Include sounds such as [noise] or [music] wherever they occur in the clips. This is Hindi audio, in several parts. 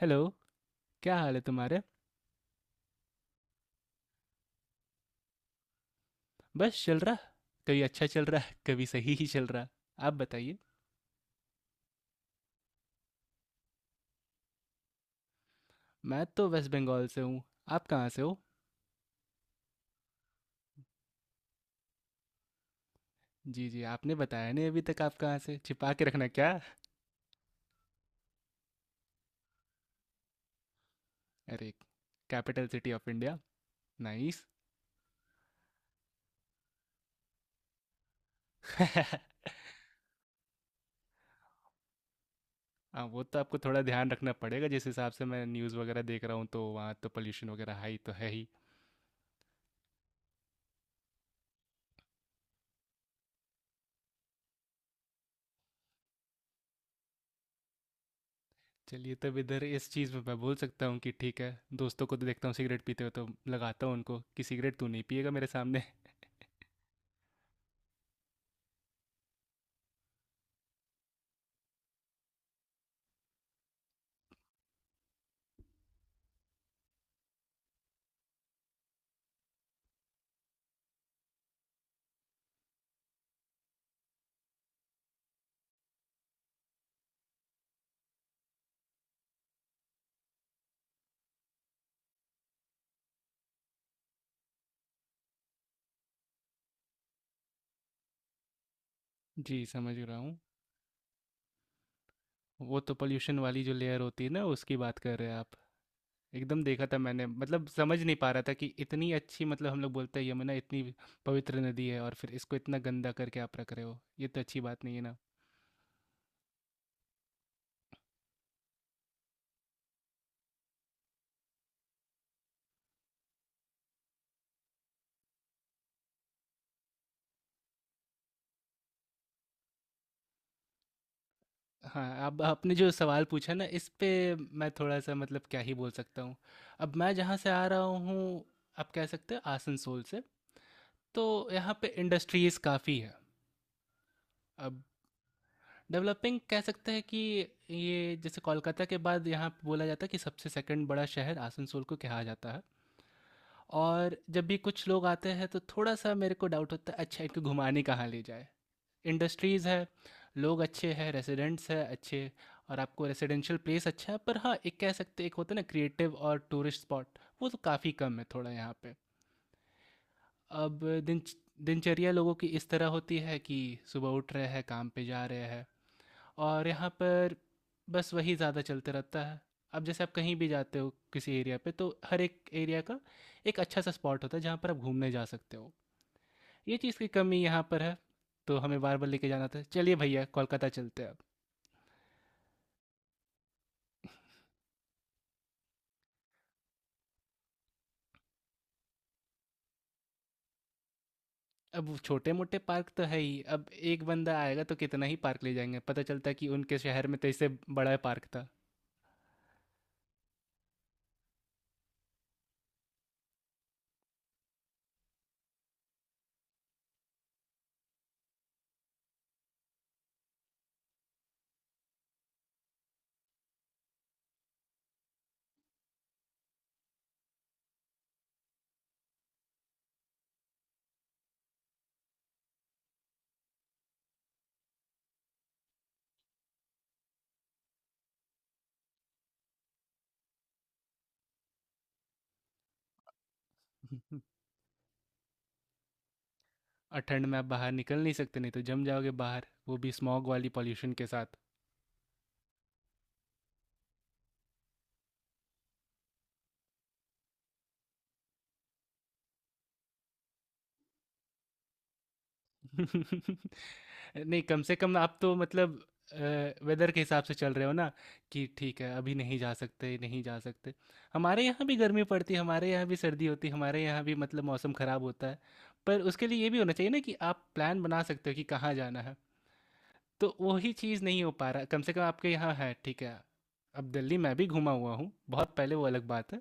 हेलो। क्या हाल है तुम्हारे? बस चल रहा। कभी अच्छा चल रहा, कभी सही ही चल रहा। आप बताइए। मैं तो वेस्ट बंगाल से हूँ। आप कहाँ से हो? जी जी, आपने बताया नहीं अभी तक, आप कहाँ से, छिपा के रखना क्या? अरे, capital city of India, nice. [laughs] हाँ, वो तो आपको थोड़ा ध्यान रखना पड़ेगा। जिस हिसाब से मैं न्यूज़ वगैरह देख रहा हूँ तो वहाँ तो पोल्यूशन वगैरह हाई तो है ही। चलिए, तब इधर इस चीज़ में मैं बोल सकता हूँ कि ठीक है। दोस्तों को तो देखता हूँ सिगरेट पीते हुए तो लगाता हूँ उनको कि सिगरेट तू नहीं पिएगा मेरे सामने। [laughs] जी, समझ रहा हूँ। वो तो पोल्यूशन वाली जो लेयर होती है ना, उसकी बात कर रहे हैं आप। एकदम देखा था मैंने, मतलब समझ नहीं पा रहा था कि इतनी अच्छी, मतलब हम लोग बोलते हैं यमुना इतनी पवित्र नदी है और फिर इसको इतना गंदा करके आप रख रहे हो, ये तो अच्छी बात नहीं है ना। हाँ, अब आपने जो सवाल पूछा ना इस पे, मैं थोड़ा सा मतलब क्या ही बोल सकता हूँ। अब मैं जहाँ से आ रहा हूँ, आप कह सकते हैं आसनसोल से। तो यहाँ पे इंडस्ट्रीज़ काफ़ी है। अब डेवलपिंग कह सकते हैं कि ये, जैसे कोलकाता के बाद यहाँ पे बोला जाता है कि सबसे सेकंड बड़ा शहर आसनसोल को कहा जाता है। और जब भी कुछ लोग आते हैं तो थोड़ा सा मेरे को डाउट होता है, अच्छा इनको घुमाने कहाँ ले जाए। इंडस्ट्रीज़ है, लोग अच्छे हैं, रेसिडेंट्स है अच्छे, और आपको रेसिडेंशियल प्लेस अच्छा है, पर हाँ एक कह सकते एक होता है ना क्रिएटिव और टूरिस्ट स्पॉट, वो तो काफ़ी कम है थोड़ा यहाँ पे। अब दिन दिनचर्या लोगों की इस तरह होती है कि सुबह उठ रहे हैं काम पे जा रहे हैं, और यहाँ पर बस वही ज़्यादा चलते रहता है। अब जैसे आप कहीं भी जाते हो किसी एरिया पे, तो हर एक एरिया का एक अच्छा सा स्पॉट होता है जहाँ पर आप घूमने जा सकते हो। ये चीज़ की कमी यहाँ पर है। तो हमें बार बार लेके जाना था, चलिए भैया कोलकाता चलते हैं अब। अब वो छोटे मोटे पार्क तो है ही, अब एक बंदा आएगा तो कितना ही पार्क ले जाएंगे, पता चलता है कि उनके शहर में तो इससे बड़ा पार्क था। [laughs] और ठंड में आप बाहर निकल नहीं सकते, नहीं तो जम जाओगे बाहर, वो भी स्मॉग वाली पॉल्यूशन के साथ। [laughs] नहीं, कम से कम आप तो मतलब वेदर के हिसाब से चल रहे हो ना, कि ठीक है अभी नहीं जा सकते, नहीं जा सकते। हमारे यहाँ भी गर्मी पड़ती है, हमारे यहाँ भी सर्दी होती है, हमारे यहाँ भी मतलब मौसम ख़राब होता है, पर उसके लिए ये भी होना चाहिए ना कि आप प्लान बना सकते हो कि कहाँ जाना है। तो वही चीज़ नहीं हो पा रहा, कम से कम आपके यहाँ है, ठीक है। अब दिल्ली मैं भी घूमा हुआ हूँ, बहुत पहले, वो अलग बात है,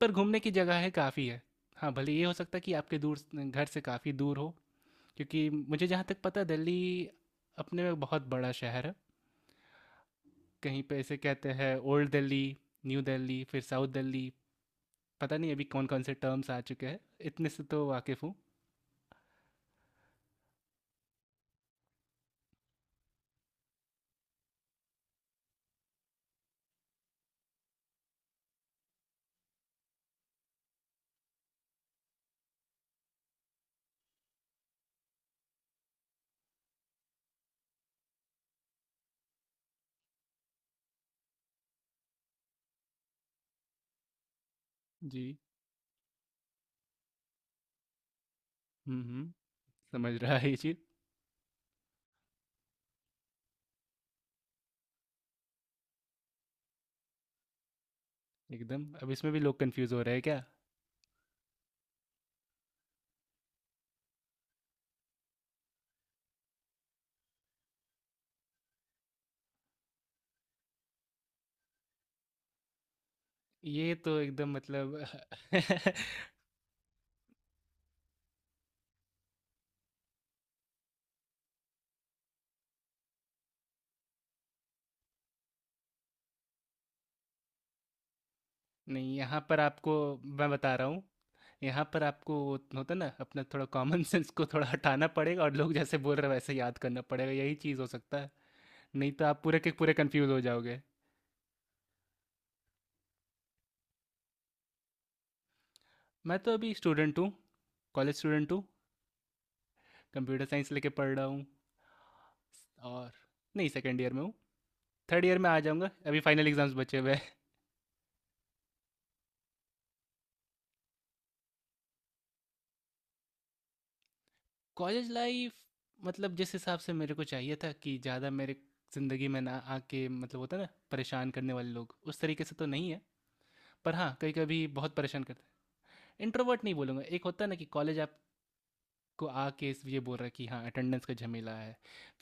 पर घूमने की जगह है काफ़ी है। हाँ, भले ये हो सकता है कि आपके दूर, घर से काफ़ी दूर हो, क्योंकि मुझे जहाँ तक पता है, दिल्ली अपने में बहुत बड़ा शहर है। कहीं पे इसे कहते हैं ओल्ड दिल्ली, न्यू दिल्ली, फिर साउथ दिल्ली। पता नहीं अभी कौन कौन से टर्म्स आ चुके हैं, इतने से तो वाकिफ़ हूँ। जी। हम्म, हम्म। समझ रहा है ये चीज़। एकदम। अब इसमें भी लोग कंफ्यूज हो रहे हैं क्या? ये तो एकदम मतलब, [laughs] नहीं, यहाँ पर आपको, मैं बता रहा हूँ, यहाँ पर आपको वो होता ना अपना थोड़ा कॉमन सेंस को थोड़ा हटाना पड़ेगा, और लोग जैसे बोल रहे हैं वैसे याद करना पड़ेगा, यही चीज़ हो सकता है। नहीं तो आप पूरे के पूरे कंफ्यूज हो जाओगे। मैं तो अभी स्टूडेंट हूँ। कॉलेज स्टूडेंट हूँ। कंप्यूटर साइंस लेके पढ़ रहा हूँ। और नहीं, सेकेंड ईयर में हूँ, थर्ड ईयर में आ जाऊँगा, अभी फाइनल एग्ज़ाम्स बचे हुए। कॉलेज लाइफ, मतलब जिस हिसाब से मेरे को चाहिए था कि ज़्यादा मेरे ज़िंदगी में ना आके, मतलब होता है ना परेशान करने वाले लोग, उस तरीके से तो नहीं है, पर हाँ कभी कभी बहुत परेशान करते हैं। इंट्रोवर्ट नहीं बोलूँगा। एक होता है ना कि कॉलेज आपको आके इस- ये बोल रहा है कि हाँ अटेंडेंस का झमेला है,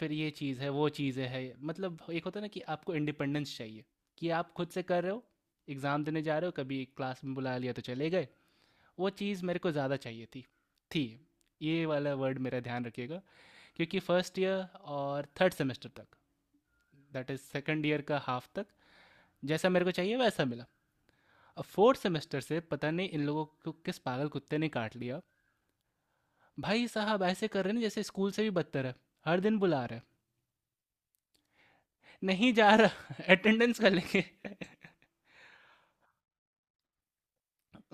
फिर ये चीज़ है वो चीज़ें है, मतलब एक होता है ना कि आपको इंडिपेंडेंस चाहिए, कि आप खुद से कर रहे हो, एग्ज़ाम देने जा रहे हो, कभी क्लास में बुला लिया तो चले गए। वो चीज़ मेरे को ज़्यादा चाहिए थी। थी, ये वाला वर्ड मेरा ध्यान रखिएगा, क्योंकि फर्स्ट ईयर और थर्ड सेमेस्टर तक, दैट इज़ सेकेंड ईयर का हाफ तक, जैसा मेरे को चाहिए वैसा मिला। अब फोर्थ सेमेस्टर से पता नहीं इन लोगों को किस पागल कुत्ते ने काट लिया। भाई साहब ऐसे कर रहे हैं जैसे स्कूल से भी बदतर है। हर दिन बुला रहे हैं। नहीं जा रहा [laughs] अटेंडेंस कर लेंगे। [laughs]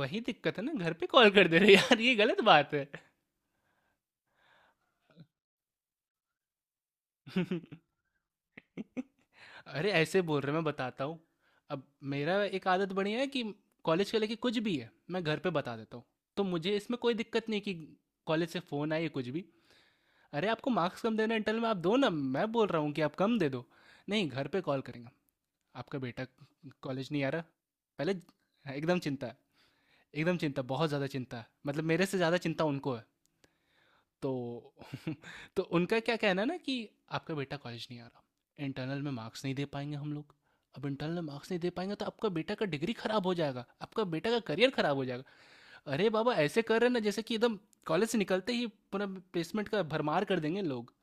वही दिक्कत है ना, घर पे कॉल कर दे रहे यार, ये गलत बात है। [laughs] [laughs] अरे ऐसे बोल रहे, मैं बताता हूँ। अब मेरा एक आदत बनी है कि कॉलेज के लेके कुछ भी है मैं घर पे बता देता हूँ। तो मुझे इसमें कोई दिक्कत नहीं कि कॉलेज से फ़ोन आए या कुछ भी। अरे आपको मार्क्स कम देना इंटरनल में, आप दो ना, मैं बोल रहा हूँ कि आप कम दे दो। नहीं, घर पे कॉल करेंगे, आपका बेटा कॉलेज नहीं आ रहा, पहले एकदम चिंता है, एकदम चिंता, बहुत ज़्यादा चिंता है, मतलब मेरे से ज़्यादा चिंता उनको है तो। [laughs] तो उनका क्या कहना है ना, कि आपका बेटा कॉलेज नहीं आ रहा, इंटरनल में मार्क्स नहीं दे पाएंगे हम लोग, अब इंटरनल में मार्क्स नहीं दे पाएंगे तो आपका बेटा का डिग्री खराब हो जाएगा, आपका बेटा का करियर खराब हो जाएगा। अरे बाबा, ऐसे कर रहे हैं ना जैसे कि एकदम कॉलेज से निकलते ही पूरा प्लेसमेंट का भरमार कर देंगे लोग।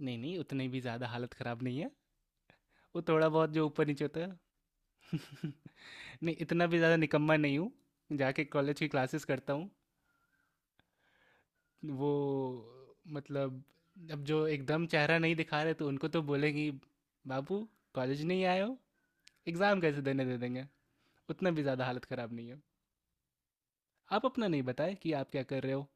नहीं नहीं, उतनी भी ज़्यादा हालत ख़राब नहीं है। वो थोड़ा बहुत जो ऊपर नीचे होता है। [laughs] नहीं, इतना भी ज़्यादा निकम्मा नहीं हूँ, जाके कॉलेज की क्लासेस करता हूँ। वो मतलब, अब जो एकदम चेहरा नहीं दिखा रहे तो उनको तो बोलेंगी, बाबू कॉलेज नहीं आए हो, एग्ज़ाम कैसे देने दे देंगे। उतना भी ज़्यादा हालत ख़राब नहीं है। आप अपना नहीं बताए कि आप क्या कर रहे हो।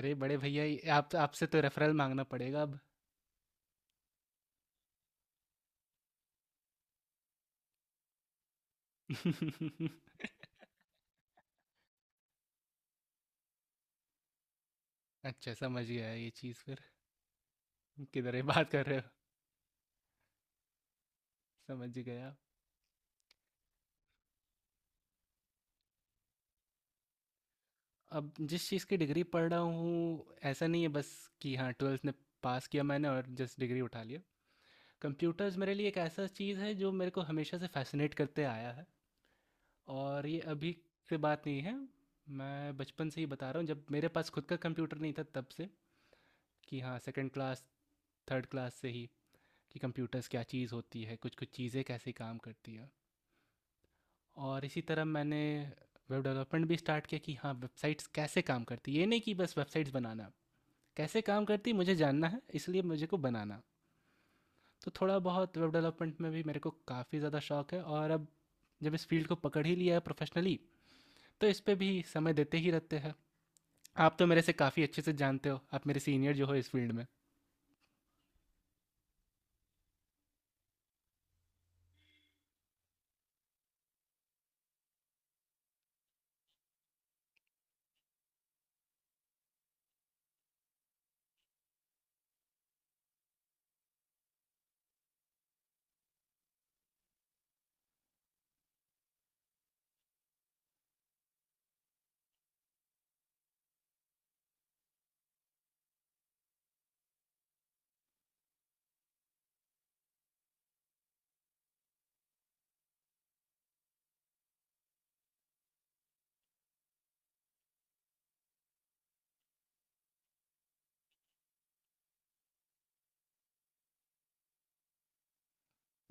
अरे बड़े भैया, ये आप आपसे तो रेफरल मांगना पड़ेगा अब। [laughs] अच्छा, समझ गया ये चीज़ फिर, किधर ये बात कर रहे हो। समझ गया। अब जिस चीज़ की डिग्री पढ़ रहा हूँ, ऐसा नहीं है बस कि हाँ ट्वेल्थ में पास किया मैंने और जस्ट डिग्री उठा लिया। कंप्यूटर्स मेरे लिए एक ऐसा चीज़ है जो मेरे को हमेशा से फैसिनेट करते आया है। और ये अभी की बात नहीं है, मैं बचपन से ही बता रहा हूँ, जब मेरे पास खुद का कंप्यूटर नहीं था तब से, कि हाँ सेकंड क्लास, थर्ड क्लास से ही, कि कंप्यूटर्स क्या चीज़ होती है, कुछ कुछ चीज़ें कैसे काम करती हैं। और इसी तरह मैंने वेब डेवलपमेंट भी स्टार्ट किया, कि हाँ वेबसाइट्स कैसे काम करती, ये नहीं कि बस वेबसाइट्स बनाना, कैसे काम करती मुझे जानना है इसलिए मुझे को बनाना। तो थोड़ा बहुत वेब डेवलपमेंट में भी मेरे को काफ़ी ज़्यादा शौक है, और अब जब इस फील्ड को पकड़ ही लिया है प्रोफेशनली, तो इस पे भी समय देते ही रहते हैं। आप तो मेरे से काफ़ी अच्छे से जानते हो, आप मेरे सीनियर जो हो इस फील्ड में।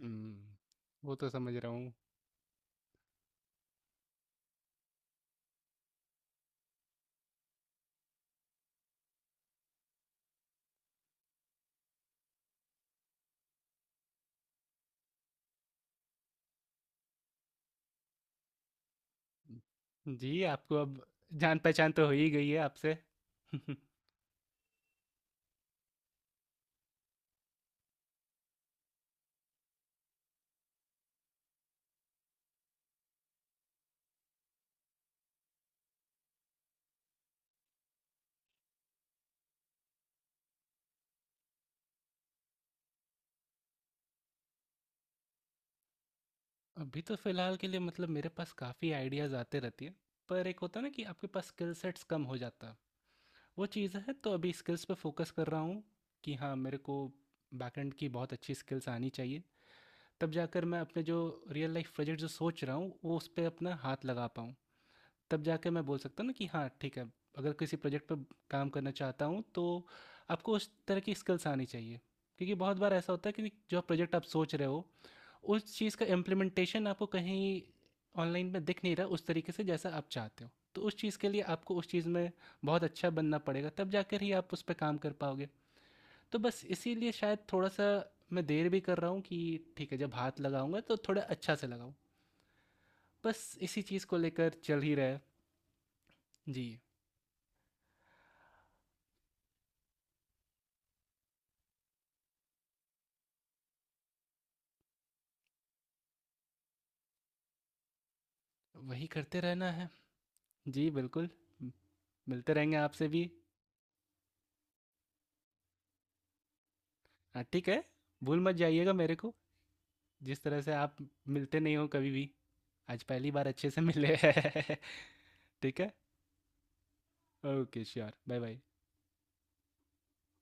हम्म, वो तो समझ रहा हूँ। जी, आपको अब जान पहचान तो हो ही गई है आपसे। [laughs] अभी तो फिलहाल के लिए मतलब मेरे पास काफ़ी आइडियाज़ आते रहती है, पर एक होता है ना कि आपके पास स्किल सेट्स कम हो जाता है, वो चीज़ है तो अभी स्किल्स पे फोकस कर रहा हूँ, कि हाँ मेरे को बैकएंड की बहुत अच्छी स्किल्स आनी चाहिए, तब जाकर मैं अपने जो रियल लाइफ प्रोजेक्ट जो सोच रहा हूँ वो उस पर अपना हाथ लगा पाऊँ। तब जाके मैं बोल सकता हूँ ना कि हाँ ठीक है, अगर किसी प्रोजेक्ट पर काम करना चाहता हूँ तो आपको उस तरह की स्किल्स आनी चाहिए, क्योंकि बहुत बार ऐसा होता है कि जो प्रोजेक्ट आप सोच रहे हो, उस चीज़ का इम्प्लीमेंटेशन आपको कहीं ऑनलाइन में दिख नहीं रहा उस तरीके से जैसा आप चाहते हो, तो उस चीज़ के लिए आपको उस चीज़ में बहुत अच्छा बनना पड़ेगा, तब जाकर ही आप उस पर काम कर पाओगे। तो बस इसीलिए शायद थोड़ा सा मैं देर भी कर रहा हूँ, कि ठीक है, जब हाथ लगाऊंगा तो थोड़ा अच्छा से लगाऊं, बस इसी चीज़ को लेकर चल ही रहा है। जी, वही करते रहना है। जी बिल्कुल। म- मिलते रहेंगे आपसे भी। हाँ, ठीक है, भूल मत जाइएगा मेरे को, जिस तरह से आप मिलते नहीं हो कभी भी। आज पहली बार अच्छे से मिले। [laughs] ठीक है, ओके श्योर, बाय बाय।